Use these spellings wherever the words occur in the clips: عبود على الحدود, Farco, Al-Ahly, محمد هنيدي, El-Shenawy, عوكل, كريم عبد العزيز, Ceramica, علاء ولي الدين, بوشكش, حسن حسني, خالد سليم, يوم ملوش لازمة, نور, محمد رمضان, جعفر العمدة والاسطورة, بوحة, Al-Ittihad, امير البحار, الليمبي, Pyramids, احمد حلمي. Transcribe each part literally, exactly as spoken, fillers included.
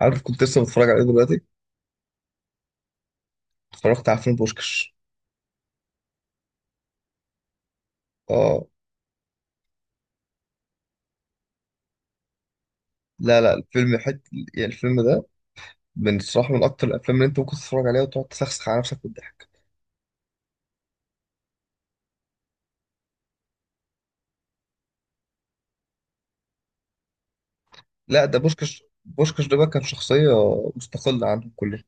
عارف، كنت لسه بتفرج عليه دلوقتي. اتفرجت على فيلم بوشكش. اه. لا لا، الفيلم حت... يعني الفيلم ده من الصراحة، من أكتر الأفلام اللي أنت ممكن تتفرج عليها وتقعد تسخسخ على نفسك بالضحك. لا، ده بوشكش. بوشكش ده بقى كان شخصية مستقلة عنهم كلهم.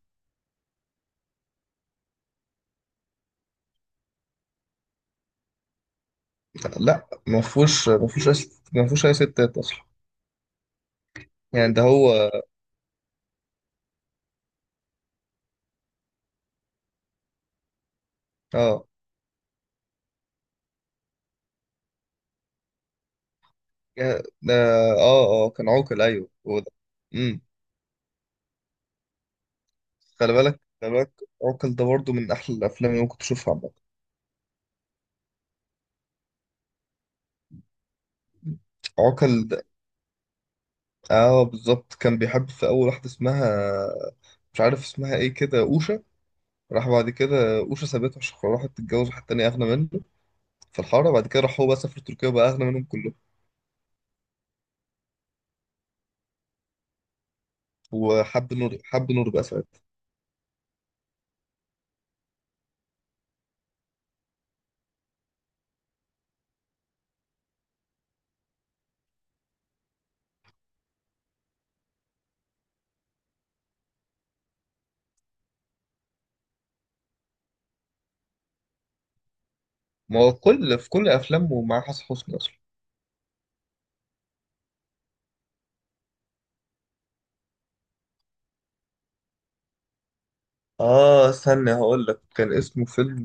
لا، ما فيهوش ما فيهوش أي ست- ما فيهوش أي ستات أصلا. يعني ده هو. اه. يا- ده اه اه، كان عوكل. أيوه هو ده. امم خلي بالك خلي بالك. عوكل ده برضه من أحلى الأفلام اللي ممكن تشوفها عامة. عوكل اه، بالظبط كان بيحب في اول واحده اسمها، مش عارف اسمها ايه كده، اوشا. راح بعد كده اوشا سابته عشان راحت تتجوز واحد تاني اغنى منه في الحاره. بعد كده راح هو بقى سافر تركيا، بقى اغنى منهم كلهم. وحب نور، حب نور بقى ساعتها. ما هو كل في كل افلامه معاه حسن حسني اصلا. اه، استنى هقول لك كان اسمه فيلم،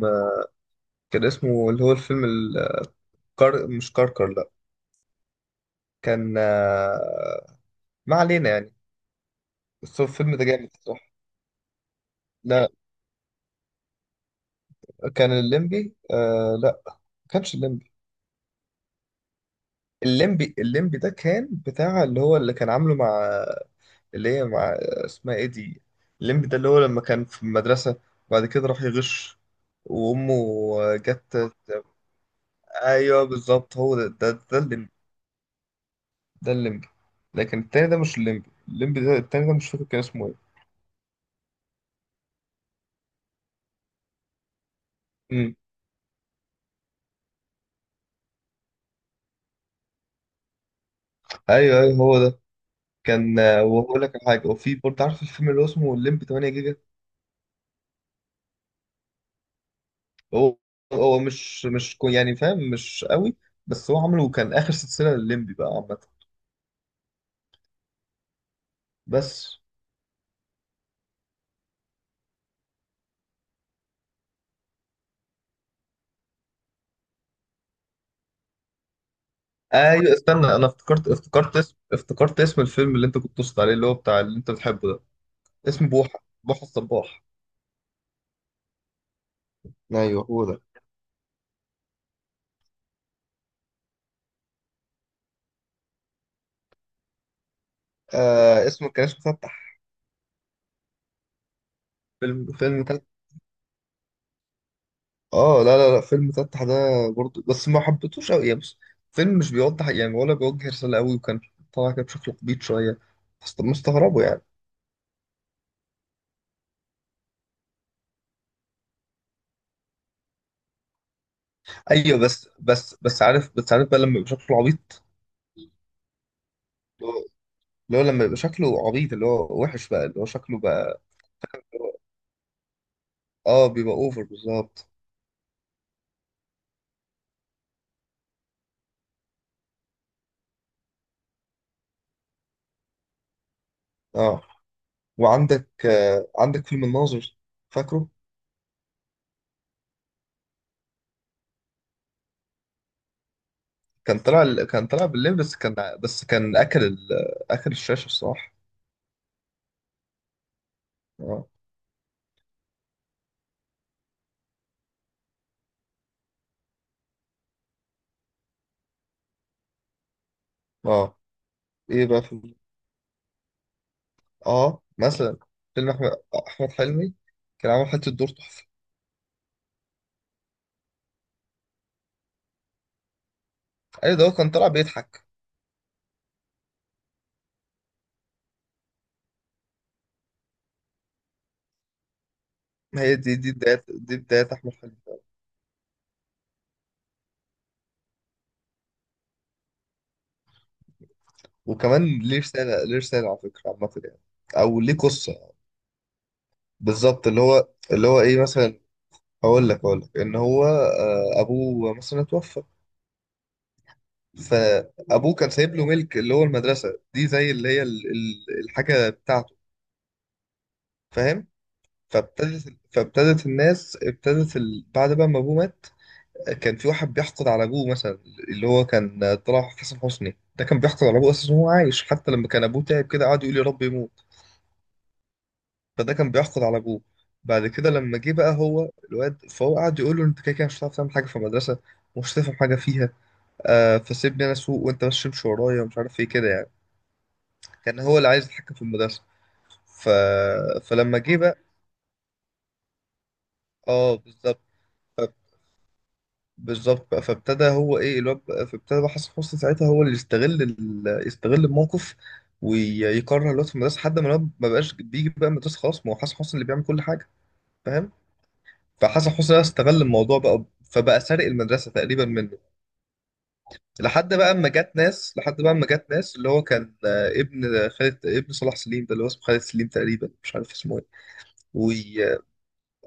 كان اسمه اللي هو الفيلم الكار... مش كركر، لا. كان آه، ما علينا يعني. بس هو الفيلم ده جامد الصراحه. لا، كان الليمبي، آه لا، ما كانش الليمبي. الليمبي الليمبي ده كان بتاع اللي هو اللي كان عامله مع اللي هي مع اسمها ايه دي. الليمبي ده اللي هو لما كان في المدرسة وبعد كده راح يغش، وأمه جت. أيوه بالظبط هو ده ده, ده الليمبي. ده الليمبي لكن التاني ده مش الليمبي. الليمبي ده التاني ده مش فاكر كان اسمه ايه. امم، ايوه ايوه هو ده. كان آه، وهقول لك على حاجة. وفي برضه عارف الفيلم اللي هو اسمه الليمبي 8 جيجا. هو هو مش مش كو- يعني فاهم، مش قوي. بس هو عامله كان آخر سلسلة للليمبي بقى عامة. بس ايوه، استنى، انا افتكرت، افتكرت اسم افتكرت اسم الفيلم اللي انت كنت تقصد عليه، اللي هو بتاع اللي انت بتحبه ده. اسم بوحة، بوحة الصباح. ايوه هو ده. آه اسمه كان اسمه فتح. فيلم فيلم تفتح. اه لا لا لا، فيلم فتح ده برضه بس ما حبيتهوش قوي يعني. بص، فيلم مش بيوضح يعني ولا بيوجه رسالة قوي، وكان طالع كده بشكل عبيط شوية، بس مستغربه يعني. ايوه بس بس بس، عارف، بس عارف بقى لما يبقى شكله عبيط. اللي هو اللي هو لما يبقى شكله عبيط، اللي هو وحش بقى، اللي هو شكله بقى. اه، بيبقى اوفر بالظبط. اه، وعندك آه، عندك فيلم الناظر، فاكره. كان طلع ال- كان طلع بالليل، بس كان بس كان اكل ال... اكل الشاشه الصراحه. اه. اه. ايه بقى فيلم. اه، مثلا فيلم احمد، احمد حلمي كان عامل حته دور تحفه. ايوه، ده هو كان طلع بيضحك. هي دي دي بدايه دي بدايه احمد حلمي. وكمان ليه رساله، ليه رساله على فكره عامه يعني. او ليه قصه يعني. بالظبط، اللي هو اللي هو ايه مثلا. هقول لك هقول لك ان هو آه، ابوه مثلا اتوفى. فابوه كان سايب له ملك اللي هو المدرسه دي، زي اللي هي ال- ال- الحاجه بتاعته، فاهم. فابتدت فابتدت الناس ابتدت ال... بعد بقى ما ابوه مات كان في واحد بيحقد على ابوه مثلا. اللي هو كان طلع حسن حسني، ده كان بيحقد على ابوه اساسا وهو عايش، حتى لما كان ابوه تعب كده قعد يقول يا رب يموت. فده كان بيحقد على ابوه. بعد كده لما جه بقى هو الواد، فهو قعد يقول له انت كده كده مش هتعرف تعمل حاجه في المدرسه ومش هتفهم حاجه فيها. آه فسيبني انا اسوق، وانت بس تمشي ورايا، ومش عارف ايه كده يعني. كان هو اللي عايز يتحكم في المدرسة. ف... فلما جه بقى. اه بالظبط. ف- بالظبط بقى، فابتدى هو ايه الواد بقى- فابتدى بقى حسن حسني ساعتها هو اللي يستغل ال... يستغل الموقف، ويكره الواد في المدرسة لحد ما الواد ما بقاش بيجي بقى المدرسة، خلاص، ما هو حسن حسني اللي بيعمل كل حاجة، فاهم. فحسن حسني ده استغل الموضوع بقى، فبقى سارق المدرسة تقريبا منه. لحد بقى اما جت ناس لحد بقى اما جت ناس اللي هو كان آه، ابن خالد، ابن صلاح سليم ده اللي هو اسمه خالد سليم تقريبا، مش عارف اسمه ايه.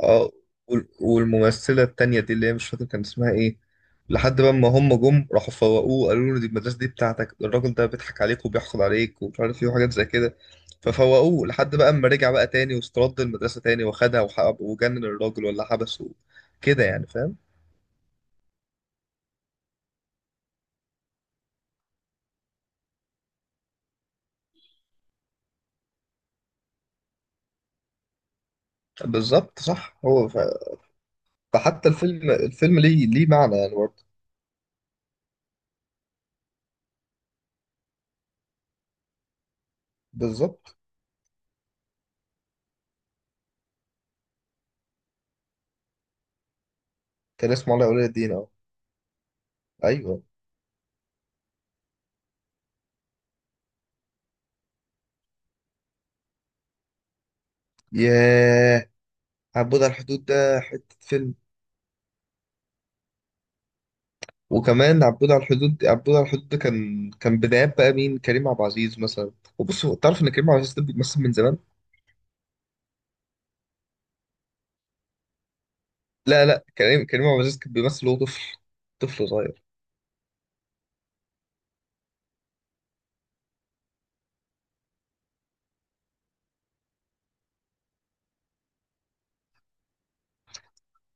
اه، وال- والممثلة التانية دي اللي هي مش فاكر كان اسمها ايه. لحد بقى ما هم جم راحوا فوقوه قالوا له دي المدرسة دي بتاعتك، ده الراجل ده بيضحك عليك وبيحقد عليك ومش عارف ايه وحاجات زي كده. ففوقوه لحد بقى اما رجع بقى تاني واسترد المدرسة تاني واخدها وحب وجنن الراجل ولا حبسه كده يعني، فاهم. بالظبط صح. هو ف... فحتى الفيلم، الفيلم ليه، ليه معنى يعني برضه. بالظبط. كان اسمه علاء ولي الدين، اه. ايوه. ياه. عبود على الحدود ده حتة فيلم. وكمان عبود على الحدود، عبود على الحدود ده كان، كان بدايات بقى مين، كريم عبد العزيز مثلا. وبص هو، تعرف ان كريم عبد العزيز ده بيمثل من زمان. لا لا، كريم كريم عبد العزيز كان بيمثل وهو طفل، طفل صغير.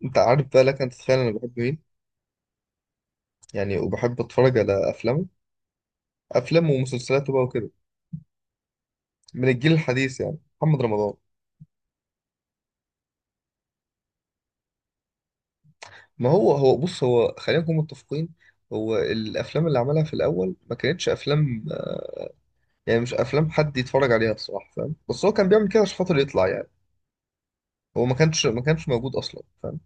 انت عارف بقى لك، انت تتخيل انا بحب مين؟ يعني وبحب اتفرج على افلامه، افلامه ومسلسلاته بقى وكده، من الجيل الحديث، يعني محمد رمضان. ما هو هو بص، هو خلينا نكون متفقين. هو الافلام اللي عملها في الاول ما كانتش افلام، يعني مش افلام حد يتفرج عليها الصراحه، فاهم. بس هو كان بيعمل كده عشان خاطر يطلع يعني. هو ما كانش ما كانش موجود اصلا، فاهم.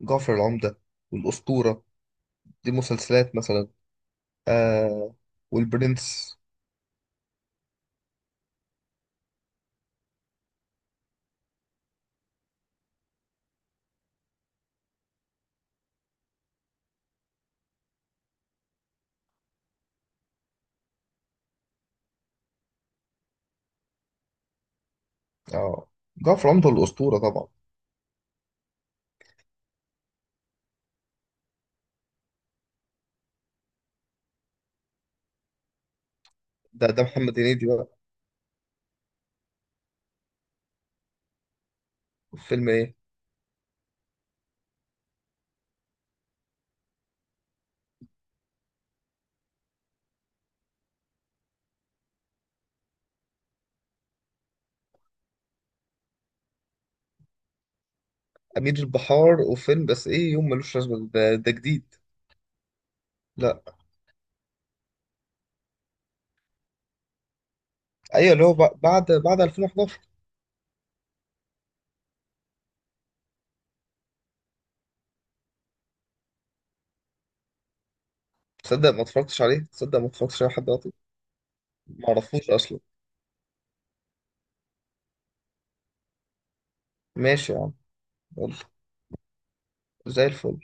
جعفر العمدة والاسطورة، دي مسلسلات مثلا. آه، والبرنس. اه، جعفر العمدة والاسطورة طبعا. ده ده محمد هنيدي بقى. فيلم ايه؟ امير البحار، وفيلم بس ايه يوم ملوش لازمة ده, ده جديد. لا. ايوه، اللي هو بع- بعد بعد ألفين وحداشر. تصدق ما اتفرجتش عليه، تصدق ما اتفرجتش عليه لحد دلوقتي. ما اعرفوش اصلا. ماشي يا عم. يلا، زي الفل.